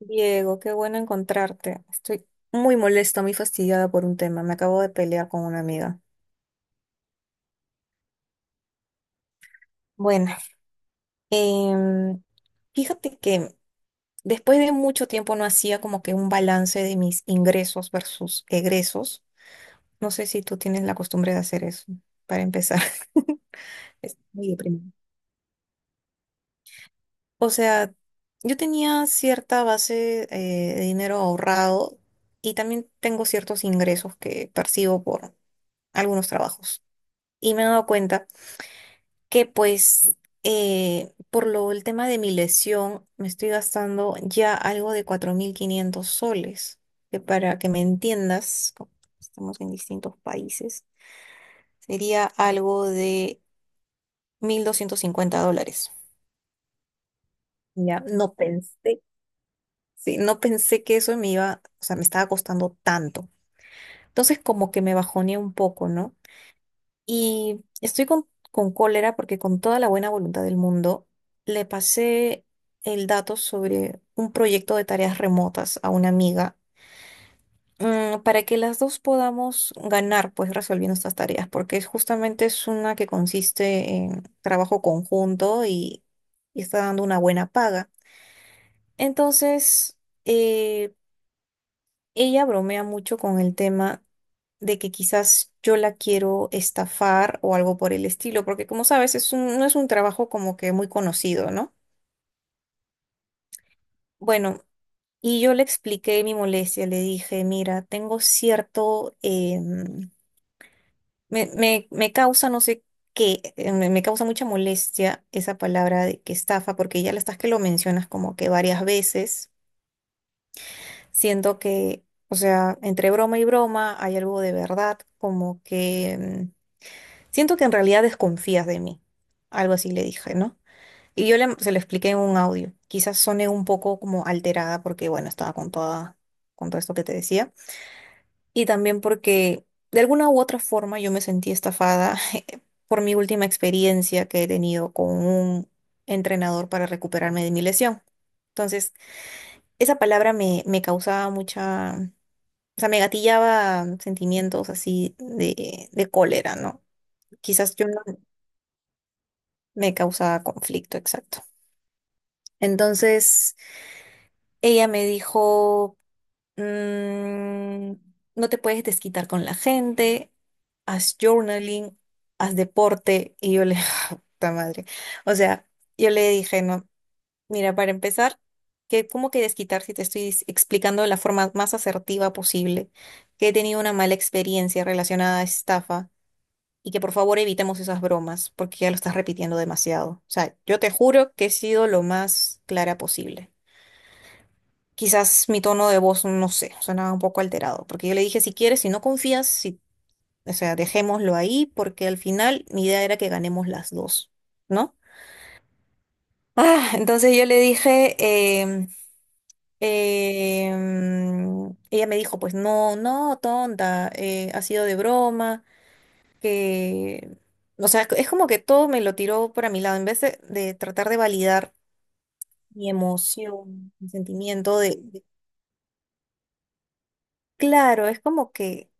Diego, qué bueno encontrarte. Estoy muy molesta, muy fastidiada por un tema. Me acabo de pelear con una amiga. Bueno, em, fíjate que después de mucho tiempo no hacía como que un balance de mis ingresos versus egresos. No sé si tú tienes la costumbre de hacer eso, para empezar. Es muy deprimente. O sea, yo tenía cierta base de dinero ahorrado y también tengo ciertos ingresos que percibo por algunos trabajos. Y me he dado cuenta que pues por lo el tema de mi lesión me estoy gastando ya algo de 4500 soles, que para que me entiendas, como estamos en distintos países, sería algo de 1250 dólares. Ya, no pensé, sí, no pensé que eso me iba, o sea, me estaba costando tanto. Entonces como que me bajoneé un poco, ¿no? Y estoy con cólera porque con toda la buena voluntad del mundo le pasé el dato sobre un proyecto de tareas remotas a una amiga, para que las dos podamos ganar pues resolviendo estas tareas, porque es justamente es una que consiste en trabajo conjunto y está dando una buena paga. Entonces, eh, ella bromea mucho con el tema de que quizás yo la quiero estafar o algo por el estilo, porque como sabes, no es un trabajo como que muy conocido, ¿no? Bueno, y yo le expliqué mi molestia, le dije, mira, tengo cierto, me causa no sé qué, me causa mucha molestia esa palabra de que estafa, porque ya la estás que lo mencionas como que varias veces, siento que, o sea, entre broma y broma hay algo de verdad, como que, siento que en realidad desconfías de mí. Algo así le dije, ¿no? Y se lo expliqué en un audio. Quizás soné un poco como alterada porque, bueno, con todo esto que te decía. Y también porque de alguna u otra forma yo me sentí estafada por mi última experiencia que he tenido con un entrenador para recuperarme de mi lesión. Entonces, me causaba mucha, o sea, me gatillaba sentimientos así de cólera, ¿no? Quizás yo no me causaba conflicto, exacto. Entonces, ella me dijo, "Mm, no te puedes desquitar con la gente, haz journaling, haz deporte". Y puta madre. O sea, yo le dije, no, mira, para empezar, que ¿cómo que desquitar si te estoy explicando de la forma más asertiva posible que he tenido una mala experiencia relacionada a estafa? Y que por favor evitemos esas bromas porque ya lo estás repitiendo demasiado. O sea, yo te juro que he sido lo más clara posible. Quizás mi tono de voz, no sé, sonaba un poco alterado, porque yo le dije, si quieres, si no confías, si, o sea, dejémoslo ahí, porque al final mi idea era que ganemos las dos, ¿no? Ah, entonces yo le dije, em, em, ella me dijo, pues no, no, tonta, ha sido de broma. Que, o sea, es como que todo me lo tiró para mi lado, en vez de, tratar de validar mi emoción, mi sentimiento, de... Claro, es como que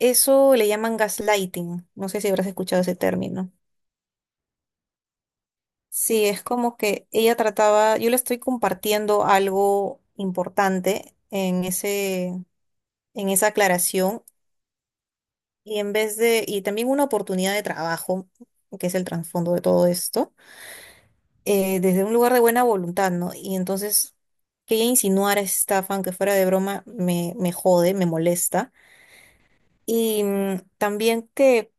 eso le llaman gaslighting, no sé si habrás escuchado ese término. Sí, es como que ella trataba, yo le estoy compartiendo algo importante en esa aclaración, y en vez de, y también una oportunidad de trabajo, que es el trasfondo de todo esto, desde un lugar de buena voluntad, ¿no? Y entonces que ella insinuara esta fan que fuera de broma me jode, me molesta. Y también que,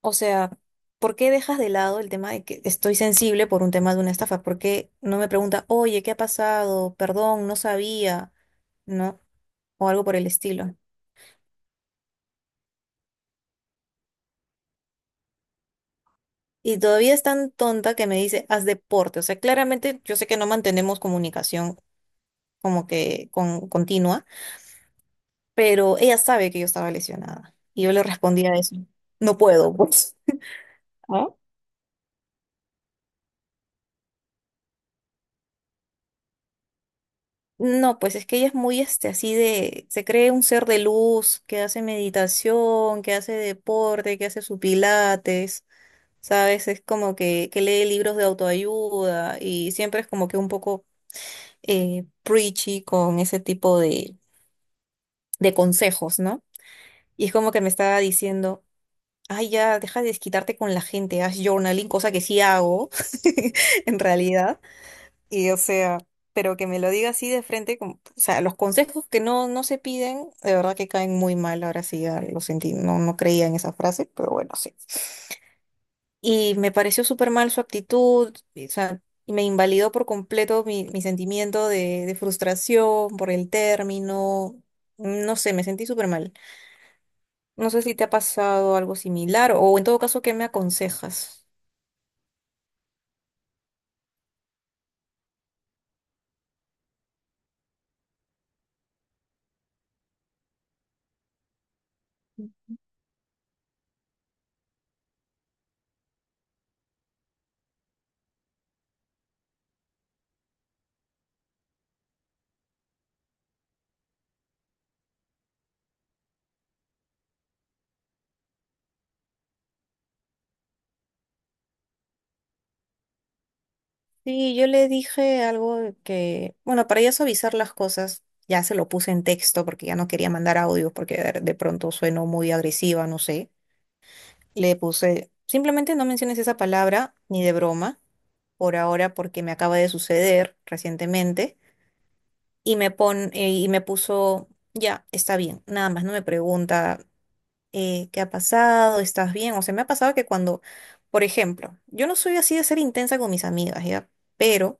o sea, ¿por qué dejas de lado el tema de que estoy sensible por un tema de una estafa? ¿Por qué no me pregunta, oye, qué ha pasado? Perdón, no sabía, ¿no? O algo por el estilo. Y todavía es tan tonta que me dice, haz deporte. O sea, claramente yo sé que no mantenemos comunicación como que continua, pero ella sabe que yo estaba lesionada. Y yo le respondía eso, no puedo, pues. ¿Ah? No, pues es que ella es muy este, así de, se cree un ser de luz, que hace meditación, que hace deporte, que hace su pilates, ¿sabes? Es como que lee libros de autoayuda y siempre es como que un poco preachy con ese tipo de consejos, ¿no? Y es como que me estaba diciendo, ay, ya, deja de desquitarte con la gente, haz journaling, cosa que sí hago, en realidad. Y o sea, pero que me lo diga así de frente, como, o sea, los consejos que no, no se piden, de verdad que caen muy mal. Ahora sí, ya lo sentí, no, no creía en esa frase, pero bueno, sí. Y me pareció súper mal su actitud, y, o sea, y me invalidó por completo mi sentimiento de frustración por el término. No sé, me sentí súper mal. No sé si te ha pasado algo similar o en todo caso, ¿qué me aconsejas? Sí, yo le dije algo que, bueno, para ya suavizar las cosas, ya se lo puse en texto porque ya no quería mandar audios porque de pronto sueno muy agresiva, no sé. Le puse, simplemente no menciones esa palabra ni de broma por ahora porque me acaba de suceder recientemente y y me puso, ya, está bien, nada más, no me pregunta qué ha pasado, estás bien. O sea, me ha pasado que cuando, por ejemplo, yo no soy así de ser intensa con mis amigas, ¿ya? Pero...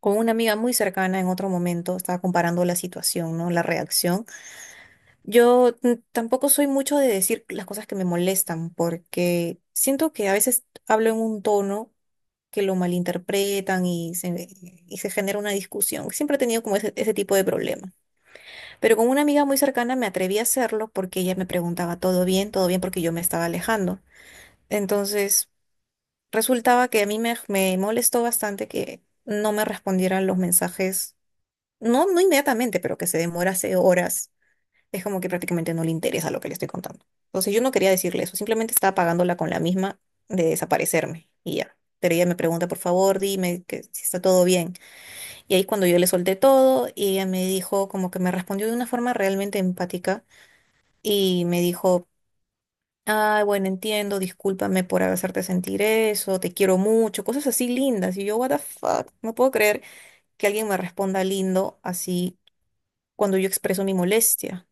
con una amiga muy cercana en otro momento, estaba comparando la situación, ¿no? La reacción. Yo tampoco soy mucho de decir las cosas que me molestan, porque siento que a veces hablo en un tono que lo malinterpretan y se genera una discusión. Siempre he tenido como ese tipo de problema. Pero con una amiga muy cercana me atreví a hacerlo porque ella me preguntaba, ¿todo bien? ¿Todo bien? Porque yo me estaba alejando. Entonces, resultaba que me molestó bastante que no me respondieran los mensajes. No inmediatamente, pero que se demorase horas, es como que prácticamente no le interesa lo que le estoy contando. Entonces yo no quería decirle eso, simplemente estaba pagándola con la misma de desaparecerme y ya. Pero ella me pregunta, por favor, dime que si está todo bien. Y ahí cuando yo le solté todo, y ella me dijo, como que me respondió de una forma realmente empática y me dijo, ay, bueno, entiendo, discúlpame por hacerte sentir eso, te quiero mucho, cosas así lindas. Y yo, what the fuck, no puedo creer que alguien me responda lindo así cuando yo expreso mi molestia.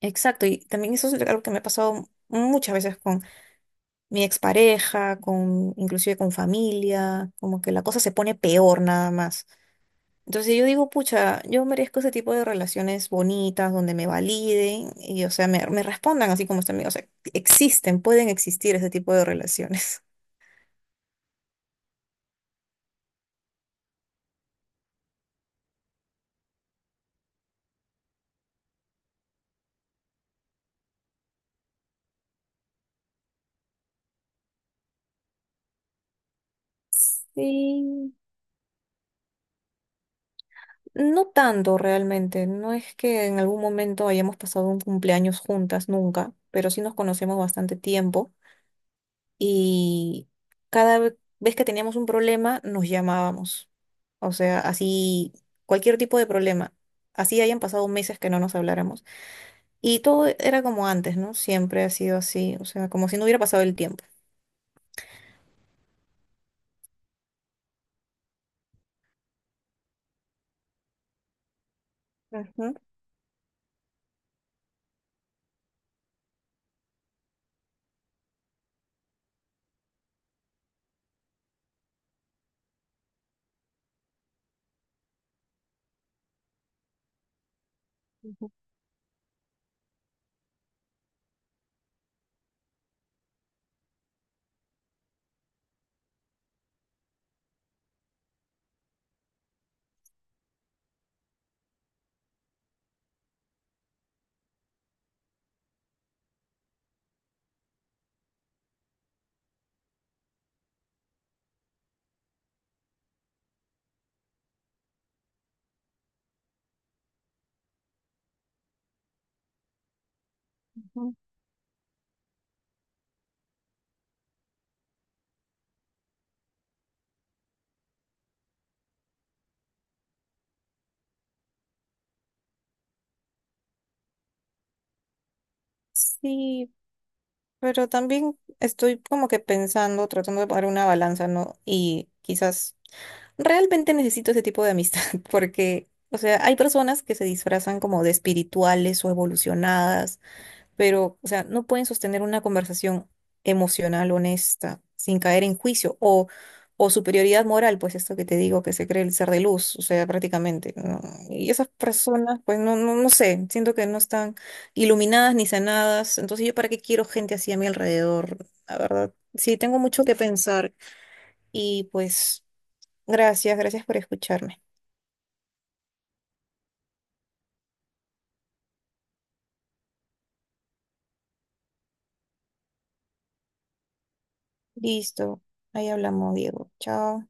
Exacto, y también eso es algo que me ha pasado muchas veces con mi expareja, con inclusive con familia, como que la cosa se pone peor nada más. Entonces yo digo, pucha, yo merezco ese tipo de relaciones bonitas donde me validen o sea, me respondan así como están, o sea, existen, pueden existir ese tipo de relaciones. Sí, no tanto realmente. No es que en algún momento hayamos pasado un cumpleaños juntas, nunca, pero sí nos conocemos bastante tiempo. Y vez que teníamos un problema nos llamábamos. O sea, así cualquier tipo de problema. Así hayan pasado meses que no nos habláramos. Y todo era como antes, ¿no? Siempre ha sido así, o sea, como si no hubiera pasado el tiempo. Ujú, ujú. Sí, pero también estoy como que pensando, tratando de poner una balanza, ¿no? Y quizás realmente necesito ese tipo de amistad, porque, o sea, hay personas que se disfrazan como de espirituales o evolucionadas pero, o sea, no pueden sostener una conversación emocional honesta sin caer en juicio o superioridad moral, pues esto que te digo, que se cree el ser de luz, o sea, prácticamente, ¿no? Y esas personas, pues no sé, siento que no están iluminadas ni sanadas, entonces yo para qué quiero gente así a mi alrededor, la verdad. Sí, tengo mucho que pensar y pues gracias, gracias por escucharme. Listo, ahí hablamos, Diego. Chao.